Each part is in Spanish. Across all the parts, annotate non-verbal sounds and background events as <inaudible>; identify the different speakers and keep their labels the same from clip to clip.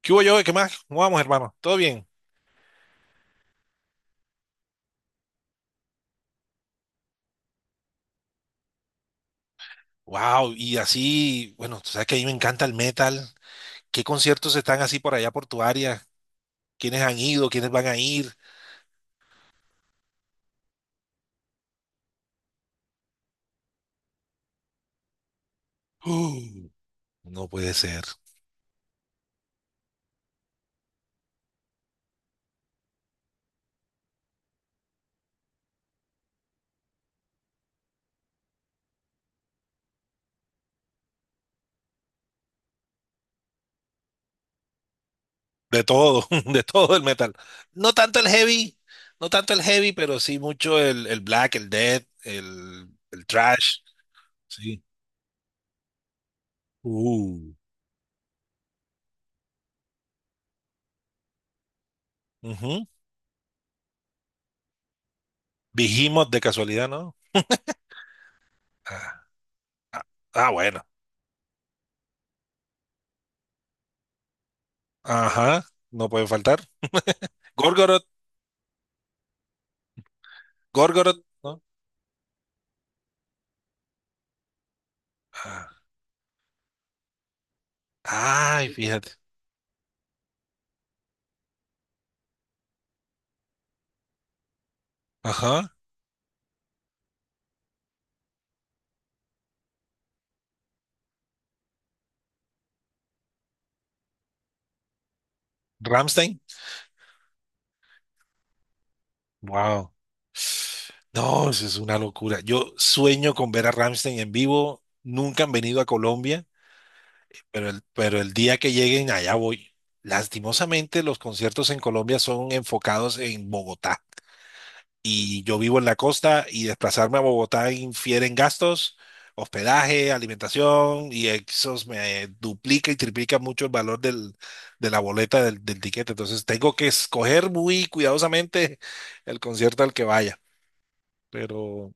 Speaker 1: ¿Qué hubo yo? ¿Qué más? ¿Cómo vamos, hermano? ¿Todo bien? Wow, y así, bueno, tú sabes que a mí me encanta el metal. ¿Qué conciertos están así por allá por tu área? ¿Quiénes han ido? ¿Quiénes van a ir? <gasps> Uh, no puede ser. De todo, <laughs> de todo el metal. No tanto el heavy, no tanto el heavy, pero sí mucho el black, el death, el thrash. Sí. Uh. Ujú. Behemoth de casualidad, ¿no? Ah, ah, ah, bueno. Ajá, no puede faltar. Gorgoroth, Gorgoroth, ¿no? Ah, ay, fíjate. Ajá. Ramstein. Wow. No, eso es una locura. Yo sueño con ver a Ramstein en vivo. Nunca han venido a Colombia, pero el día que lleguen allá voy. Lastimosamente, los conciertos en Colombia son enfocados en Bogotá. Y yo vivo en la costa y desplazarme a Bogotá infiere en gastos, hospedaje, alimentación y eso me duplica y triplica mucho el valor del, de la boleta del, del tiquete. Entonces tengo que escoger muy cuidadosamente el concierto al que vaya. Pero,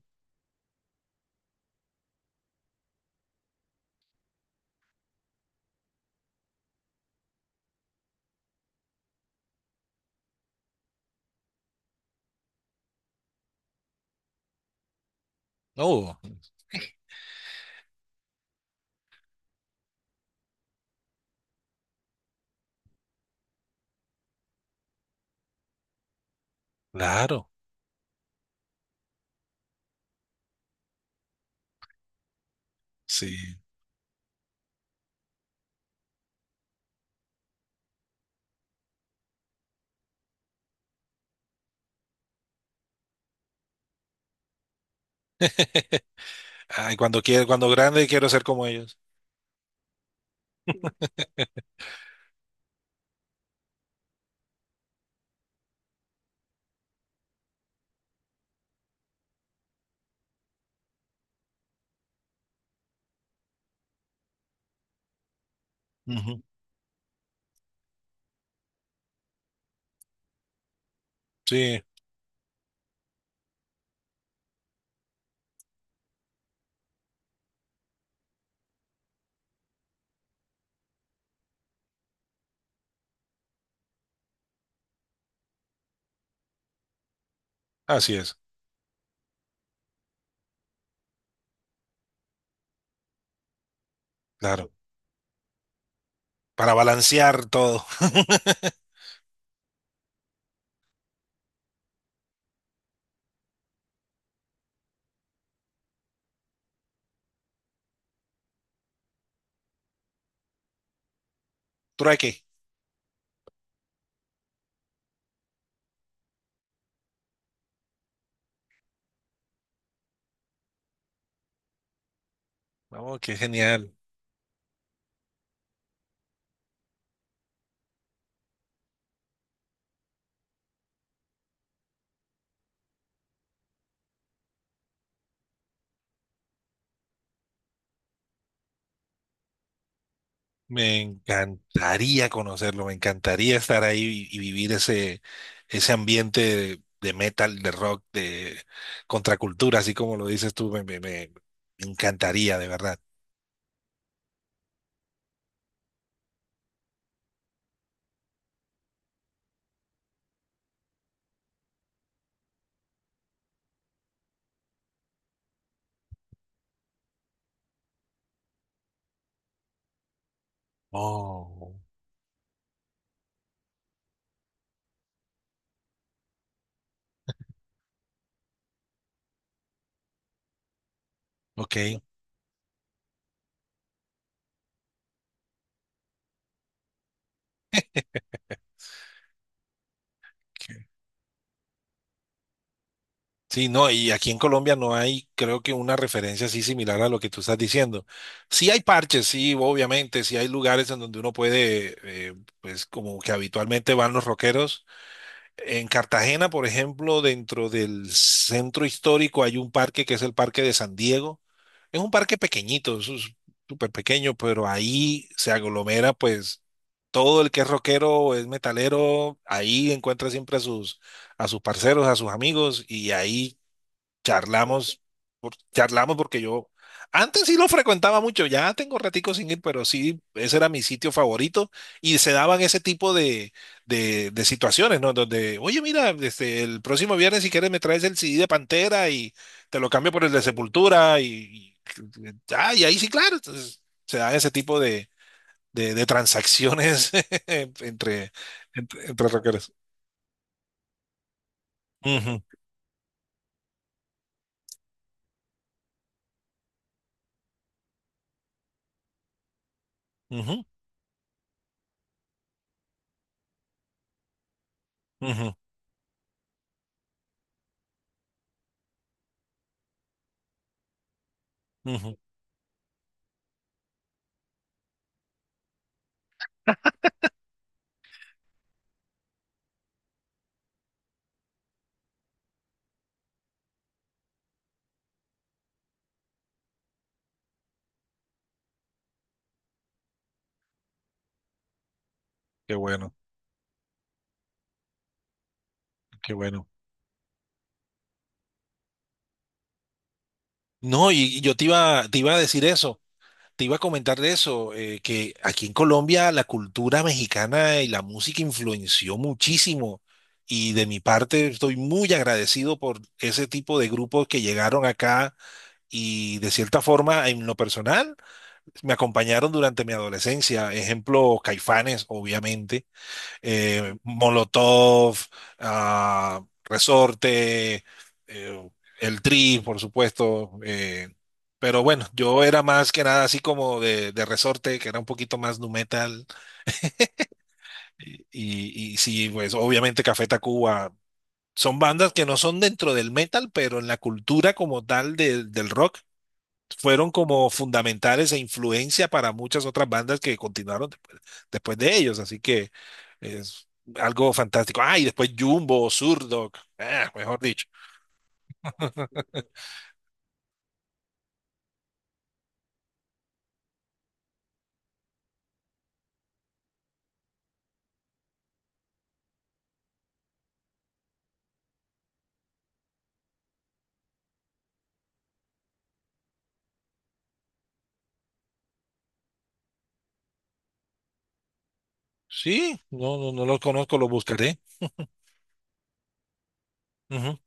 Speaker 1: no, claro, sí. Ay, cuando quiero, cuando grande quiero ser como ellos. Ujú, sí, así es, claro. Para balancear todo. <laughs> Trueque. Oh, qué genial. Me encantaría conocerlo, me encantaría estar ahí y vivir ese, ese ambiente de metal, de rock, de contracultura, así como lo dices tú, me encantaría, de verdad. Oh, ok. Ok. Sí, no, y aquí en Colombia no hay, creo que una referencia así similar a lo que tú estás diciendo. Sí hay parches, sí, obviamente, sí hay lugares en donde uno puede, eh, pues como que habitualmente van los rockeros. En Cartagena, por ejemplo, dentro del centro histórico hay un parque que es el Parque de San Diego. Es un parque pequeñito, súper pequeño, pero ahí se aglomera pues todo el que es rockero, es metalero, ahí encuentra siempre a sus parceros, a sus amigos y ahí charlamos, charlamos porque yo antes sí lo frecuentaba mucho, ya tengo ratico sin ir, pero sí, ese era mi sitio favorito y se daban ese tipo de, de situaciones, ¿no? Donde, oye, mira, este, el próximo viernes si quieres me traes el CD de Pantera y te lo cambio por el de Sepultura y, ah, y ahí sí, claro, entonces se dan ese tipo de, de transacciones <laughs> entre, entre rockeros. Ujú, ujú, ujú, ujú. Qué bueno, qué bueno. No, y yo te iba a decir eso, te iba a comentar de eso, que aquí en Colombia la cultura mexicana y la música influenció muchísimo. Y de mi parte estoy muy agradecido por ese tipo de grupos que llegaron acá y de cierta forma en lo personal me acompañaron durante mi adolescencia. Ejemplo, Caifanes, obviamente Molotov, ah, Resorte, eh, el Tri, por supuesto. Pero bueno, yo era más que nada así como de Resorte, que era un poquito más nu metal. Y, y sí, pues obviamente Café Tacuba. Son bandas que no son dentro del metal, pero en la cultura como tal del del rock fueron como fundamentales e influencia para muchas otras bandas que continuaron después, después de ellos. Así que es algo fantástico. Ah, y después Jumbo, Zurdok, ah, mejor dicho. Sí, no, no, no los conozco, los buscaré. Ujú.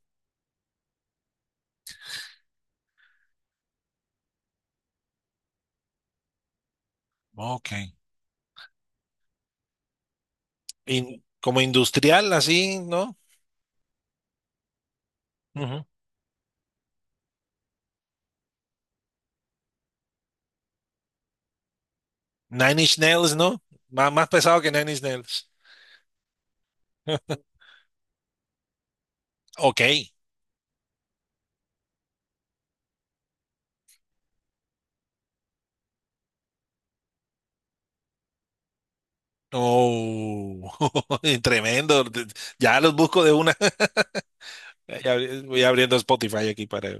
Speaker 1: Ok. Como industrial, así, ¿no? Ujú. Nine Inch Nails, ¿no? Más pesado que Nine Inch Nails. <laughs> Ok. Oh, <laughs> tremendo. Ya los busco de una. <laughs> Voy abriendo Spotify aquí para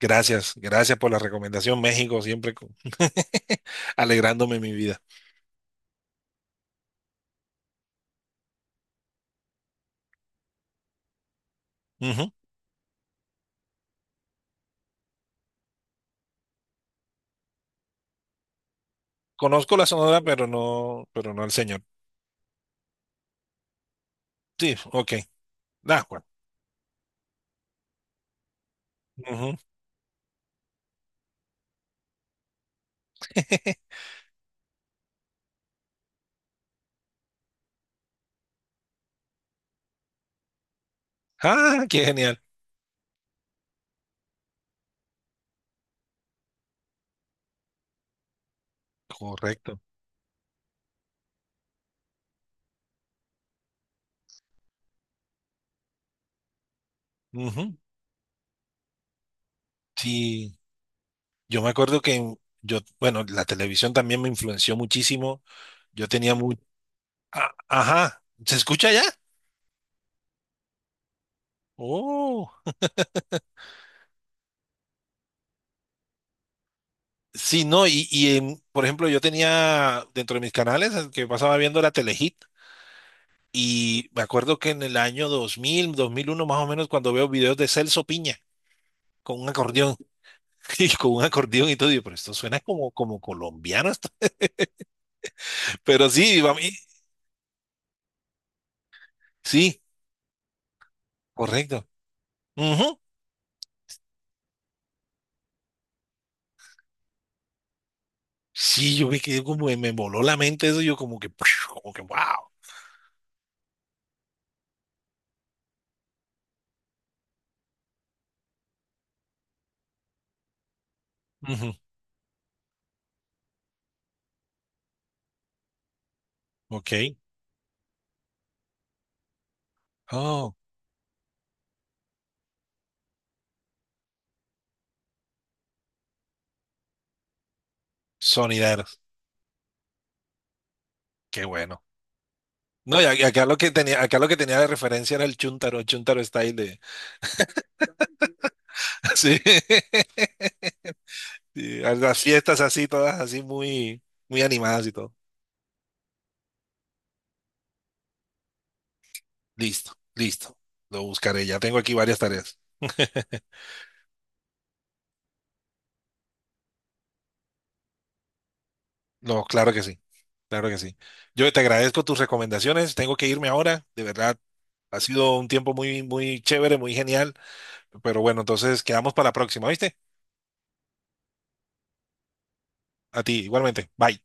Speaker 1: gracias, gracias por la recomendación. México siempre con- <laughs> alegrándome mi vida. Ujú. Conozco la Sonora, pero no al señor. Sí, ok. Da, Juan. Ujú. <laughs> Ah, qué genial. Correcto. Ujú. Sí, yo me acuerdo que yo, bueno, la televisión también me influenció muchísimo. Yo tenía muy, ah, ajá, ¿se escucha ya? Oh, sí, no, y por ejemplo, yo tenía dentro de mis canales el que pasaba viendo la Telehit. Y me acuerdo que en el año 2000, 2001 más o menos, cuando veo videos de Celso Piña con un acordeón <laughs> y con un acordeón y todo, digo, pero esto suena como, como colombiano, esto". <laughs> Pero sí, sí, correcto. Ujú. Sí, yo me quedé como, me voló la mente eso, yo como que, <laughs> como que, wow. Ujú. Ok. Oh, sonideros, qué bueno. No, y acá lo que tenía, acá lo que tenía de referencia era el chuntaro, chuntaro style de, <laughs> sí, <laughs> sí, a las fiestas así, todas así muy, muy animadas y todo. Listo, listo. Lo buscaré. Ya tengo aquí varias tareas. <laughs> No, claro que sí. Claro que sí. Yo te agradezco tus recomendaciones. Tengo que irme ahora. De verdad, ha sido un tiempo muy, muy chévere, muy genial. Pero bueno, entonces quedamos para la próxima, ¿viste? A ti, igualmente. Bye.